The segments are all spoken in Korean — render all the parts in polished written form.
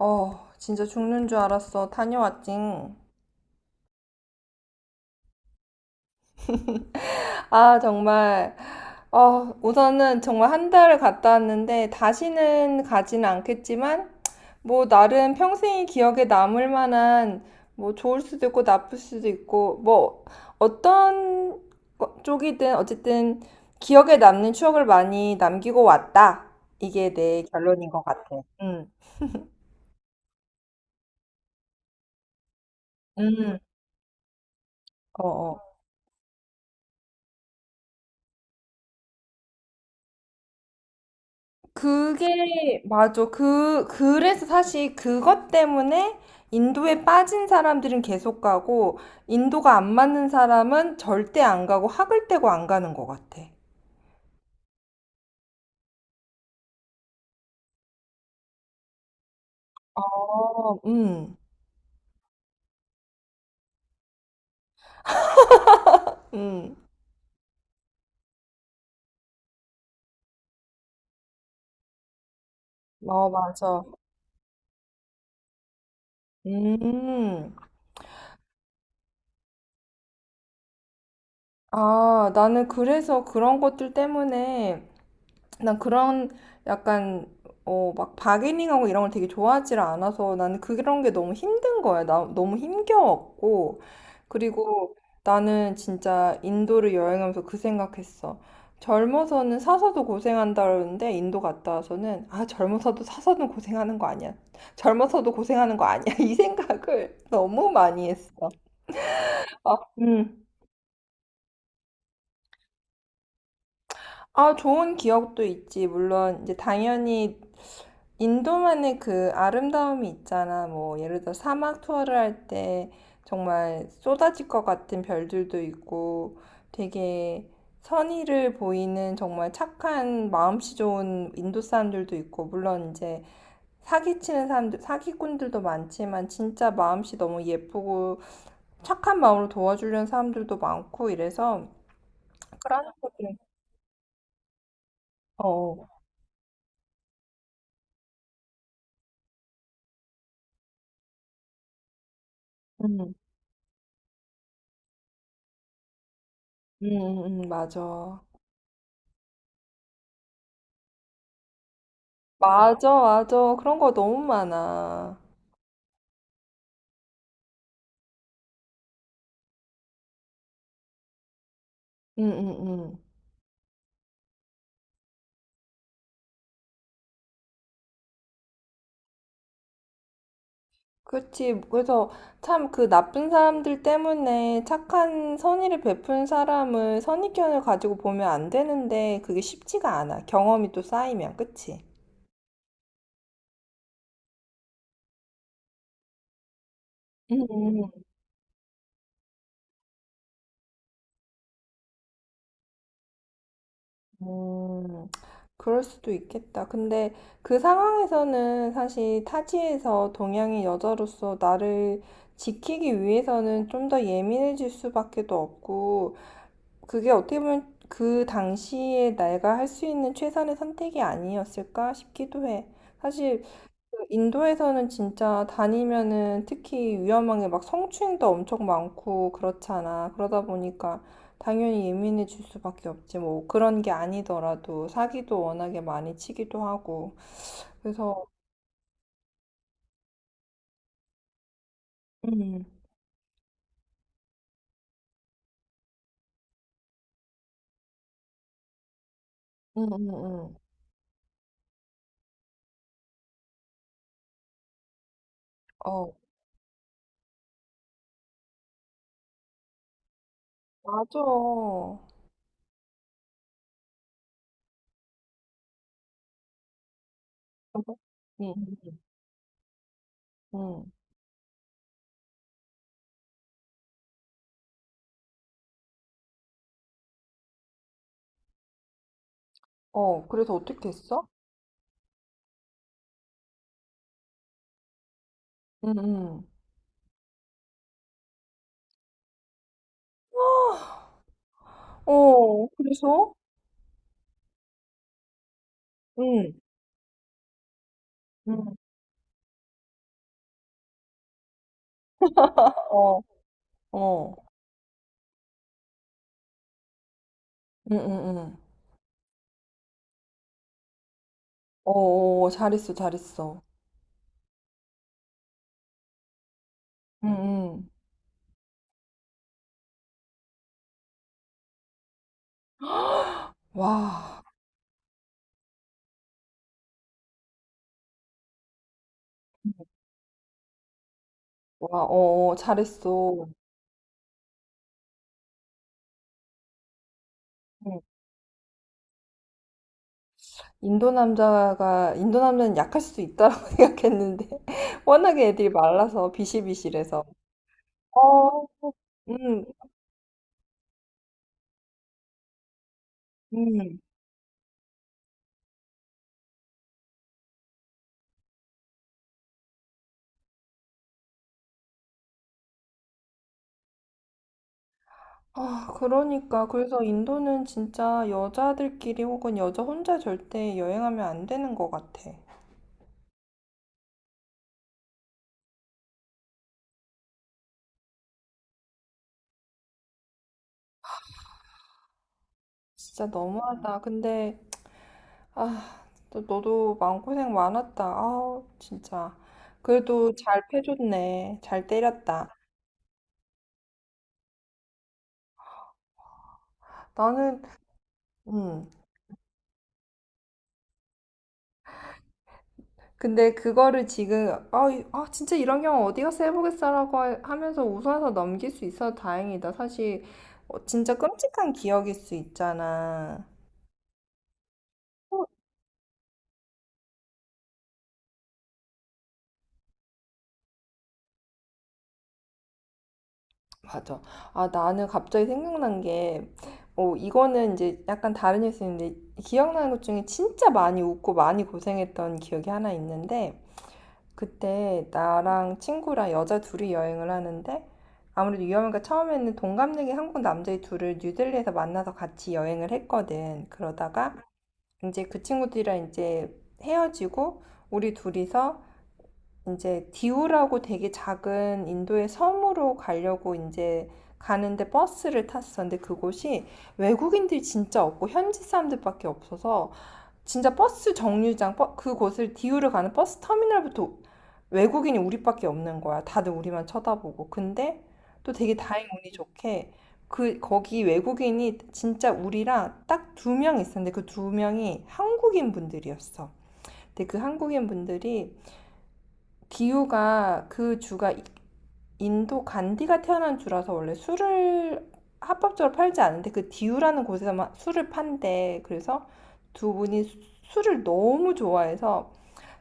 어, 진짜 죽는 줄 알았어. 다녀왔징. 아, 정말. 어, 우선은 정말 한 달을 갔다 왔는데 다시는 가진 않겠지만 뭐 나름 평생이 기억에 남을 만한 뭐 좋을 수도 있고 나쁠 수도 있고 뭐 어떤 쪽이든 어쨌든 기억에 남는 추억을 많이 남기고 왔다. 이게 내 결론인 것 같아. 응. 음. 어, 어. 그게 맞아. 그래서 사실 그것 때문에 인도에 빠진 사람들은 계속 가고 인도가 안 맞는 사람은 절대 안 가고 학을 떼고 안 가는 것 같아. 어, 음, 어, 맞아. 음, 아, 나는 그래서 그런 것들 때문에 난 그런 약간 막 바게닝하고 이런 걸 되게 좋아하지를 않아서 나는 그런 게 너무 힘든 거야. 나 너무 힘겨웠고 그리고 나는 진짜 인도를 여행하면서 그 생각했어. 젊어서는 사서도 고생한다 그러는데 인도 갔다 와서는, 아, 젊어서도 사서는 고생하는 거 아니야. 젊어서도 고생하는 거 아니야. 이 생각을 너무 많이 했어. 아, 아, 좋은 기억도 있지. 물론, 이제 당연히 인도만의 그 아름다움이 있잖아. 뭐, 예를 들어 사막 투어를 할 때 정말 쏟아질 것 같은 별들도 있고 되게 선의를 보이는 정말 착한 마음씨 좋은 인도 사람들도 있고, 물론 이제 사기치는 사람들, 사기꾼들도 많지만 진짜 마음씨 너무 예쁘고 착한 마음으로 도와주려는 사람들도 많고 이래서 그런 것들은. 어, 음. 응, 응, 응, 맞아. 맞아, 맞아. 그런 거 너무 많아. 응, 응, 응. 그렇지. 그래서 참 그 나쁜 사람들 때문에 착한 선의를 베푼 사람을 선입견을 가지고 보면 안 되는데 그게 쉽지가 않아. 경험이 또 쌓이면, 그치? 응, 응, 응. 그럴 수도 있겠다. 근데 그 상황에서는 사실 타지에서 동양인 여자로서 나를 지키기 위해서는 좀 더 예민해질 수밖에도 없고, 그게 어떻게 보면 그 당시에 내가 할 수 있는 최선의 선택이 아니었을까 싶기도 해. 사실 그 인도에서는 진짜 다니면은 특히 위험한 게 막 성추행도 엄청 많고 그렇잖아. 그러다 보니까 당연히 예민해질 수밖에 없지. 뭐 그런 게 아니더라도 사기도 워낙에 많이 치기도 하고. 그래서. 음, 음, 음, 음. 어, 맞아. 응, 응. 어, 그래서 어떻게 했어? 응, 응. 어, 그래서? 응, 응, 어, 어, 응, 응, 응. 어, 어, 잘했어, 잘했어. 응, 응. 와, 와, 어, 어, 잘했어. 응. 인도 남자는 약할 수도 있다라고 생각했는데, 워낙에 애들이 말라서, 비실비실해서. 어, 응, 응. 아, 그러니까. 그래서 인도는 진짜 여자들끼리 혹은 여자 혼자 절대 여행하면 안 되는 것 같아. 진짜 너무하다. 근데, 아, 너도 마음고생 많았다. 아, 진짜. 그래도 잘 패줬네. 잘 때렸다. 나는, 음. 근데 그거를 지금, 아, 아, 진짜 이런 경우 어디 가서 해보겠어라고 하면서 웃어서 넘길 수 있어서 다행이다. 사실, 어, 진짜 끔찍한 기억일 수 있잖아. 맞아. 아, 나는 갑자기 생각난 게, 어, 이거는 이제 약간 다른 뉴스인데, 기억나는 것 중에 진짜 많이 웃고 많이 고생했던 기억이 하나 있는데, 그때 나랑 친구랑 여자 둘이 여행을 하는데 아무래도 위험하니 처음에는 동갑내기 한국 남자애 둘을 뉴델리에서 만나서 같이 여행을 했거든. 그러다가 이제 그 친구들이랑 이제 헤어지고 우리 둘이서 이제 디우라고 되게 작은 인도의 섬으로 가려고 이제 가는데 버스를 탔어. 근데 그곳이 외국인들이 진짜 없고 현지 사람들밖에 없어서 진짜 버스 정류장 그곳을 디우를 가는 버스 터미널부터 외국인이 우리밖에 없는 거야. 다들 우리만 쳐다보고. 근데 또 되게 다행 운이 좋게 그 거기 외국인이 진짜 우리랑 딱 두 명 있었는데 그 두 명이 한국인 분들이었어. 근데 그 한국인 분들이 디우가 그 주가 인도 간디가 태어난 주라서 원래 술을 합법적으로 팔지 않는데 그 디우라는 곳에서만 술을 판대. 그래서 두 분이 술을 너무 좋아해서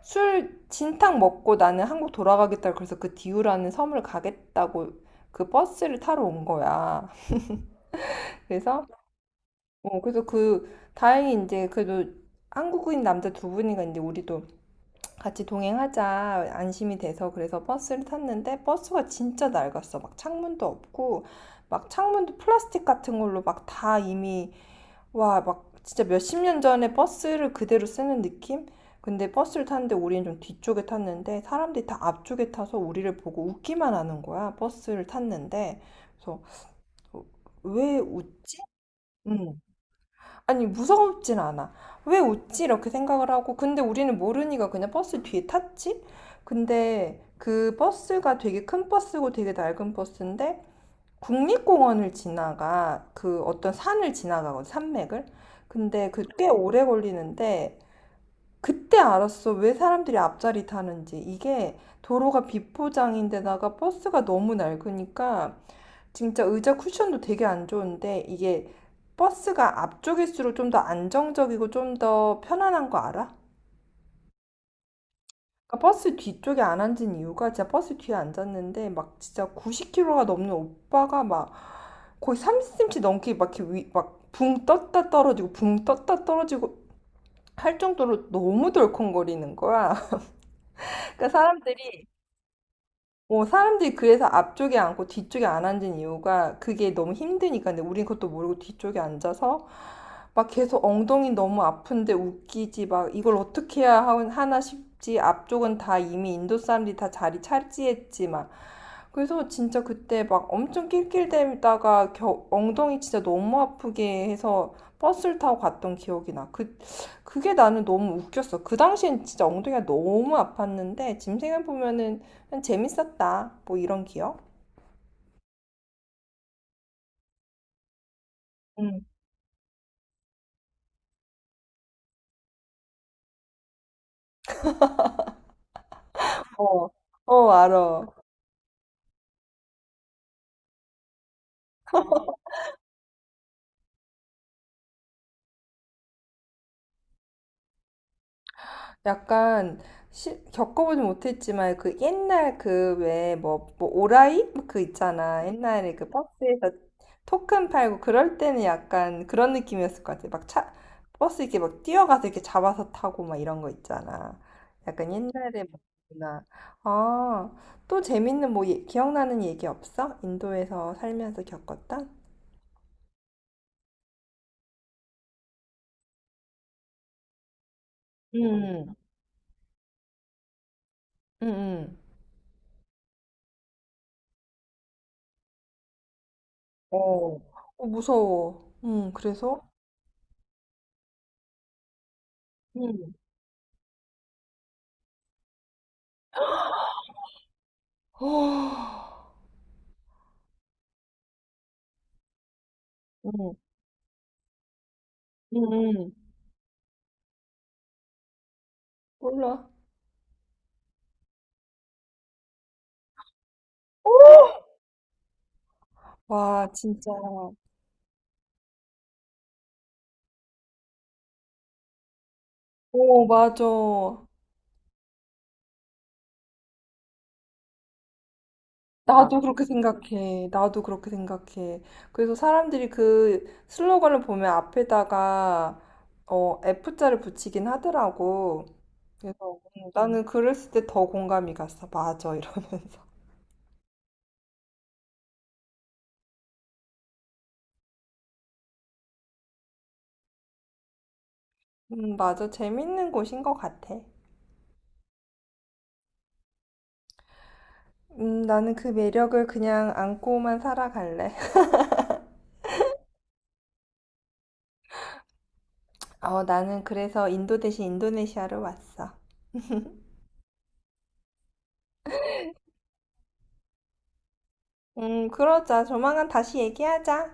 술 진탕 먹고 나는 한국 돌아가겠다. 그래서 그 디우라는 섬을 가겠다고 그 버스를 타러 온 거야. 그래서 어, 그래서 그 다행히 이제 그래도 한국인 남자 두 분이가 이제 우리도 같이 동행하자 안심이 돼서 그래서 버스를 탔는데 버스가 진짜 낡았어. 막 창문도 없고 막 창문도 플라스틱 같은 걸로 막 다 이미, 와, 막 진짜 몇십 년 전에 버스를 그대로 쓰는 느낌? 근데 버스를 탔는데 우리는 좀 뒤쪽에 탔는데 사람들이 다 앞쪽에 타서 우리를 보고 웃기만 하는 거야. 버스를 탔는데 그래서, 어, 왜 웃지? 응. 아니 무섭진 않아. 왜 웃지? 이렇게 생각을 하고 근데 우리는 모르니까 그냥 버스 뒤에 탔지? 근데 그 버스가 되게 큰 버스고 되게 낡은 버스인데 국립공원을 지나가 그 어떤 산을 지나가거든 산맥을. 근데 그 꽤 오래 걸리는데 그때 알았어 왜 사람들이 앞자리 타는지 이게 도로가 비포장인데다가 버스가 너무 낡으니까 진짜 의자 쿠션도 되게 안 좋은데 이게 버스가 앞쪽일수록 좀 더 안정적이고 좀 더 편안한 거 알아? 그러니까 버스 뒤쪽에 안 앉은 이유가 진짜 버스 뒤에 앉았는데 막 진짜 90kg가 넘는 오빠가 막 거의 30cm 넘게 막 이렇게 위, 막붕 떴다 떨어지고 붕 떴다 떨어지고 할 정도로 너무 덜컹거리는 거야. 그러니까 사람들이 어, 사람들이 그래서 앞쪽에 앉고 뒤쪽에 안 앉은 이유가 그게 너무 힘드니까. 근데 우린 그것도 모르고 뒤쪽에 앉아서 막 계속 엉덩이 너무 아픈데 웃기지. 막 이걸 어떻게 해야 하나 싶지. 앞쪽은 다 이미 인도 사람들이 다 자리 차지했지. 막 그래서 진짜 그때 막 엄청 낄낄대다가 엉덩이 진짜 너무 아프게 해서 버스를 타고 갔던 기억이 나. 그, 그게 나는 너무 웃겼어. 그 당시엔 진짜 엉덩이가 너무 아팠는데 지금 생각해보면은 그냥 재밌었다. 뭐 이런 기억? 응. 어, 어, 알아. 약간 겪어보지 못했지만 그 옛날 그 왜 뭐 뭐 오라이 뭐 그 있잖아 옛날에 그 버스에서 토큰 팔고 그럴 때는 약간 그런 느낌이었을 것 같아 막 차 버스 이렇게 막 뛰어가서 이렇게 잡아서 타고 막 이런 거 있잖아 약간 옛날에 뭐나 아 또 재밌는 뭐 기억나는 얘기 없어? 인도에서 살면서 겪었던? 응, 응, 응. 어, 어, 무서워. 응, 그래서? 응. 응, 응, 몰라. 와, 진짜. 오, 맞아. 나도 그렇게 생각해. 나도 그렇게 생각해. 그래서 사람들이 그 슬로건을 보면 앞에다가 어, F자를 붙이긴 하더라고. 그래서 응. 나는 그랬을 때 더 공감이 갔어. 맞아, 이러면서. 맞아. 재밌는 곳인 것 같아. 나는 그 매력을 그냥 안고만 살아갈래. 어, 나는 그래서 인도 대신 인도네시아로 왔어. 그러자. 조만간 다시 얘기하자.